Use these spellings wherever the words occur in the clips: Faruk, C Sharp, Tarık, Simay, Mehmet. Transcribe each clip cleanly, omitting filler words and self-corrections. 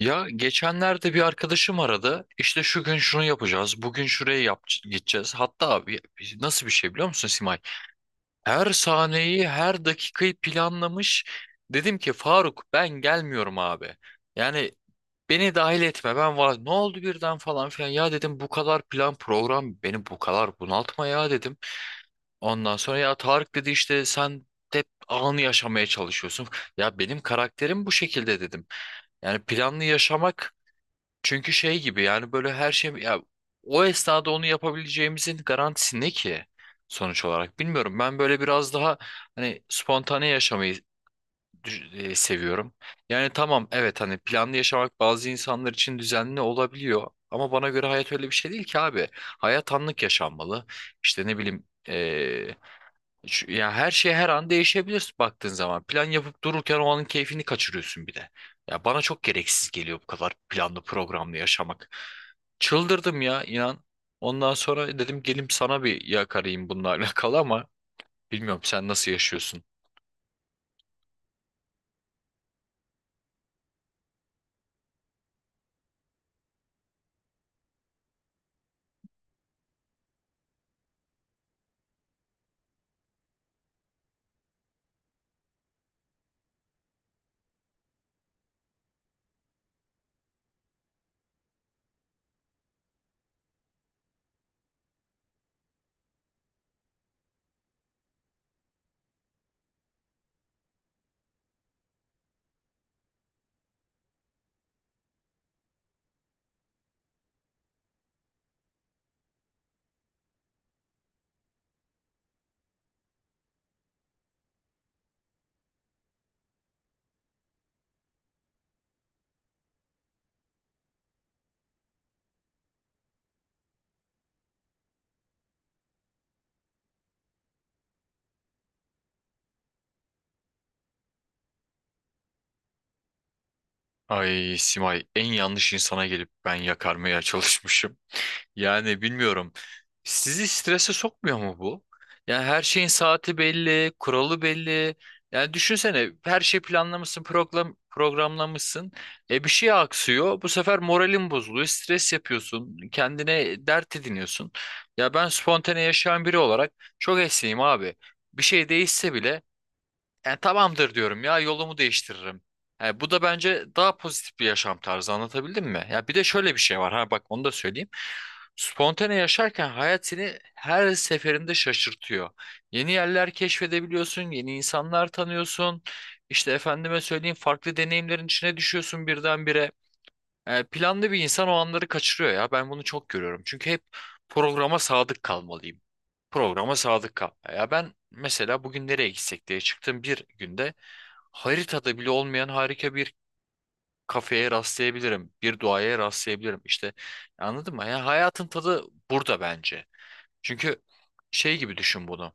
Ya geçenlerde bir arkadaşım aradı. İşte şu gün şunu yapacağız. Bugün şuraya yap gideceğiz. Hatta abi, nasıl bir şey biliyor musun Simay? Her sahneyi, her dakikayı planlamış. Dedim ki Faruk ben gelmiyorum abi. Yani beni dahil etme. Ben var. Ne oldu birden falan filan. Ya dedim bu kadar plan program beni bu kadar bunaltma ya dedim. Ondan sonra ya Tarık dedi işte sen hep anı yaşamaya çalışıyorsun. Ya benim karakterim bu şekilde dedim. Yani planlı yaşamak çünkü şey gibi yani böyle her şey ya o esnada onu yapabileceğimizin garantisi ne ki sonuç olarak bilmiyorum. Ben böyle biraz daha hani spontane yaşamayı seviyorum. Yani tamam evet hani planlı yaşamak bazı insanlar için düzenli olabiliyor ama bana göre hayat öyle bir şey değil ki abi. Hayat anlık yaşanmalı. İşte ne bileyim e, ya her şey her an değişebilir baktığın zaman. Plan yapıp dururken o anın keyfini kaçırıyorsun bir de. Ya bana çok gereksiz geliyor bu kadar planlı programlı yaşamak. Çıldırdım ya inan. Ondan sonra dedim gelim sana bir yakarayım bununla alakalı ama bilmiyorum sen nasıl yaşıyorsun? Ay Simay en yanlış insana gelip ben yakarmaya çalışmışım. Yani bilmiyorum. Sizi strese sokmuyor mu bu? Yani her şeyin saati belli, kuralı belli. Yani düşünsene her şey planlamışsın, program, programlamışsın. E bir şey aksıyor. Bu sefer moralin bozuluyor. Stres yapıyorsun. Kendine dert ediniyorsun. Ya ben spontane yaşayan biri olarak çok esneyim abi. Bir şey değişse bile yani tamamdır diyorum ya yolumu değiştiririm. Yani bu da bence daha pozitif bir yaşam tarzı, anlatabildim mi? Ya bir de şöyle bir şey var, ha bak onu da söyleyeyim. Spontane yaşarken hayat seni her seferinde şaşırtıyor. Yeni yerler keşfedebiliyorsun, yeni insanlar tanıyorsun. İşte efendime söyleyeyim farklı deneyimlerin içine düşüyorsun birdenbire. Yani planlı bir insan o anları kaçırıyor ya ben bunu çok görüyorum. Çünkü hep programa sadık kalmalıyım, programa sadık kal. Ya ben mesela bugün nereye gitsek diye çıktığım bir günde haritada bile olmayan harika bir kafeye rastlayabilirim. Bir duaya rastlayabilirim. İşte anladın mı? Ya hayatın tadı burada bence. Çünkü şey gibi düşün bunu.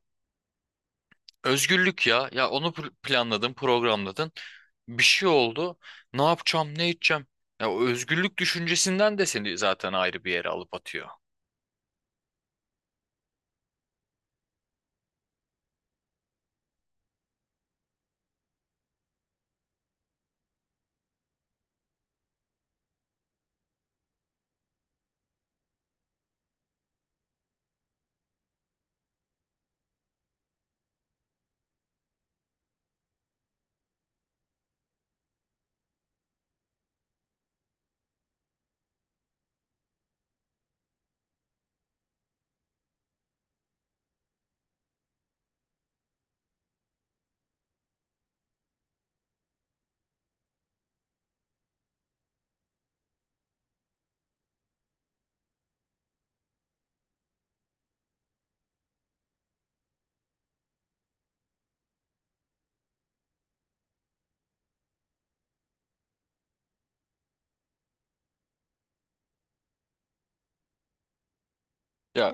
Özgürlük ya. Ya onu planladın, programladın. Bir şey oldu. Ne yapacağım, ne edeceğim? Ya o özgürlük düşüncesinden de seni zaten ayrı bir yere alıp atıyor. Ya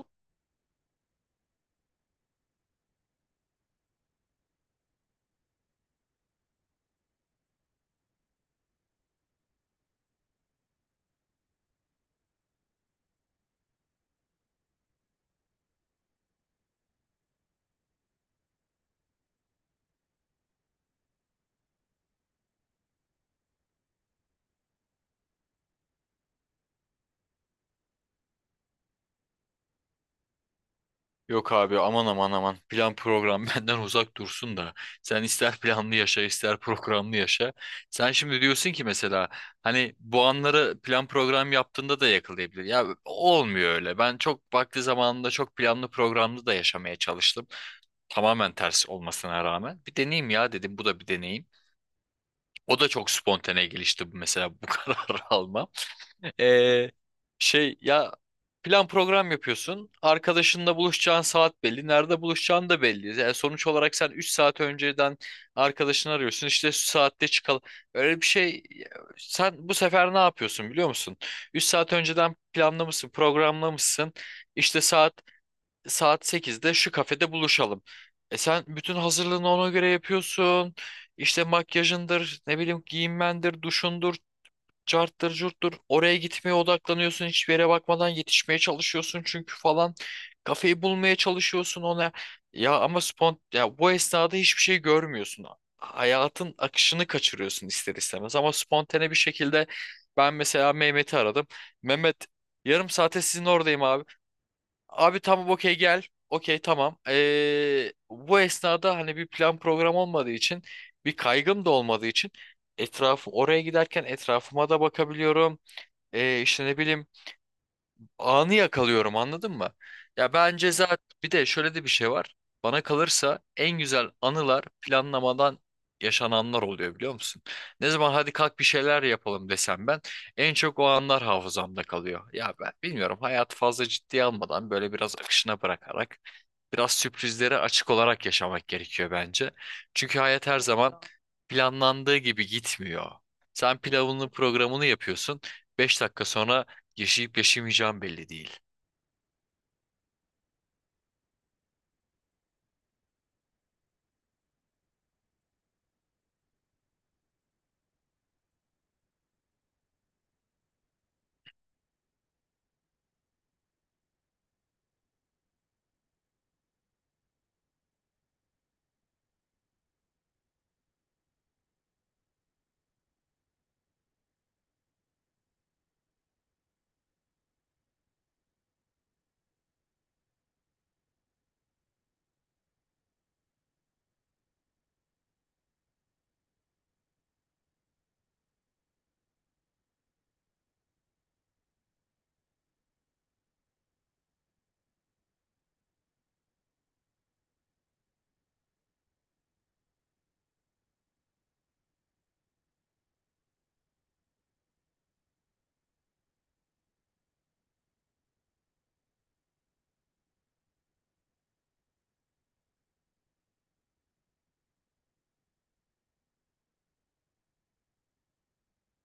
yok abi, aman aman aman, plan program benden uzak dursun da sen ister planlı yaşa ister programlı yaşa. Sen şimdi diyorsun ki mesela hani bu anları plan program yaptığında da yakalayabilir. Ya olmuyor öyle, ben çok vakti zamanında çok planlı programlı da yaşamaya çalıştım. Tamamen ters olmasına rağmen bir deneyeyim ya dedim, bu da bir deneyim. O da çok spontane gelişti, mesela bu karar almam. Ee, şey ya, plan program yapıyorsun. Arkadaşınla buluşacağın saat belli. Nerede buluşacağın da belli. Yani sonuç olarak sen 3 saat önceden arkadaşını arıyorsun. İşte şu saatte çıkalım. Öyle bir şey, sen bu sefer ne yapıyorsun biliyor musun? 3 saat önceden planlamışsın, programlamışsın. İşte saat sekizde şu kafede buluşalım. E sen bütün hazırlığını ona göre yapıyorsun. İşte makyajındır, ne bileyim giyinmendir, duşundur, carttır curttur, oraya gitmeye odaklanıyorsun, hiçbir yere bakmadan yetişmeye çalışıyorsun çünkü falan kafayı bulmaya çalışıyorsun ona. Ya ama ya bu esnada hiçbir şey görmüyorsun, hayatın akışını kaçırıyorsun ister istemez. Ama spontane bir şekilde ben mesela Mehmet'i aradım. Mehmet, yarım saate sizin oradayım abi. Abi tamam, okey, gel. Okey tamam. Bu esnada hani bir plan program olmadığı için, bir kaygım da olmadığı için etrafı oraya giderken etrafıma da bakabiliyorum. İşte ne bileyim anı yakalıyorum, anladın mı? Ya bence zaten bir de şöyle de bir şey var. Bana kalırsa en güzel anılar planlamadan yaşananlar oluyor, biliyor musun? Ne zaman hadi kalk bir şeyler yapalım desem ben, en çok o anlar hafızamda kalıyor. Ya ben bilmiyorum, hayatı fazla ciddiye almadan böyle biraz akışına bırakarak, biraz sürprizlere açık olarak yaşamak gerekiyor bence. Çünkü hayat her zaman planlandığı gibi gitmiyor. Sen pilavını programını yapıyorsun. 5 dakika sonra yaşayıp yaşamayacağım belli değil.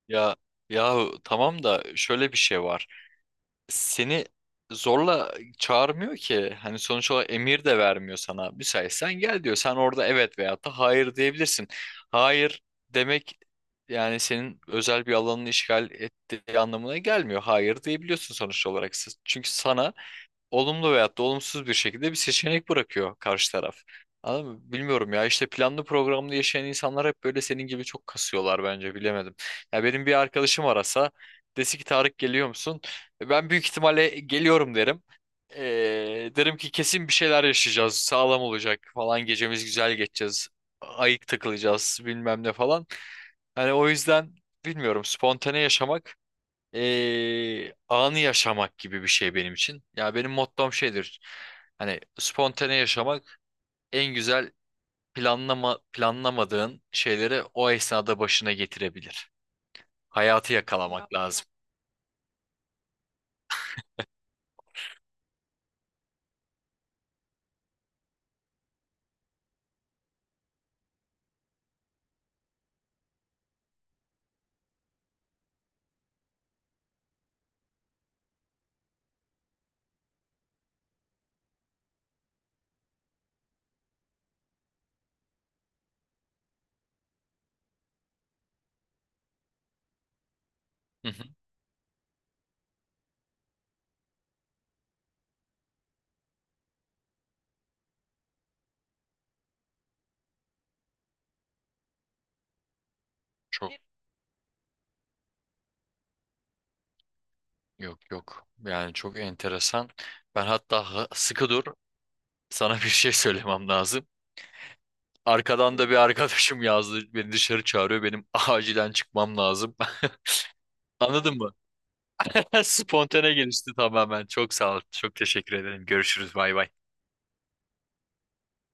Ya ya tamam da şöyle bir şey var. Seni zorla çağırmıyor ki. Hani sonuç olarak emir de vermiyor sana. Müsaitsen gel diyor. Sen orada evet veyahut da hayır diyebilirsin. Hayır demek yani senin özel bir alanını işgal ettiği anlamına gelmiyor. Hayır diyebiliyorsun sonuç olarak. Çünkü sana olumlu veyahut da olumsuz bir şekilde bir seçenek bırakıyor karşı taraf. Anladın mı? Bilmiyorum ya, işte planlı programlı yaşayan insanlar hep böyle senin gibi çok kasıyorlar bence, bilemedim. Ya benim bir arkadaşım arasa dese ki Tarık geliyor musun? Ben büyük ihtimalle "E, geliyorum" derim. Derim ki kesin bir şeyler yaşayacağız, sağlam olacak falan, gecemiz güzel geçeceğiz, ayık takılacağız bilmem ne falan. Hani o yüzden bilmiyorum, spontane yaşamak anı yaşamak gibi bir şey benim için. Ya benim mottom şeydir. Hani spontane yaşamak en güzel, planlamadığın şeyleri o esnada başına getirebilir. Hayatı yakalamak lazım. Hı hı. Çok, yok yok. Yani çok enteresan. Ben hatta sıkı dur. Sana bir şey söylemem lazım. Arkadan da bir arkadaşım yazdı. Beni dışarı çağırıyor. Benim acilen çıkmam lazım. Anladın mı? Spontane gelişti tamamen. Çok sağ ol. Çok teşekkür ederim. Görüşürüz. Bay bay.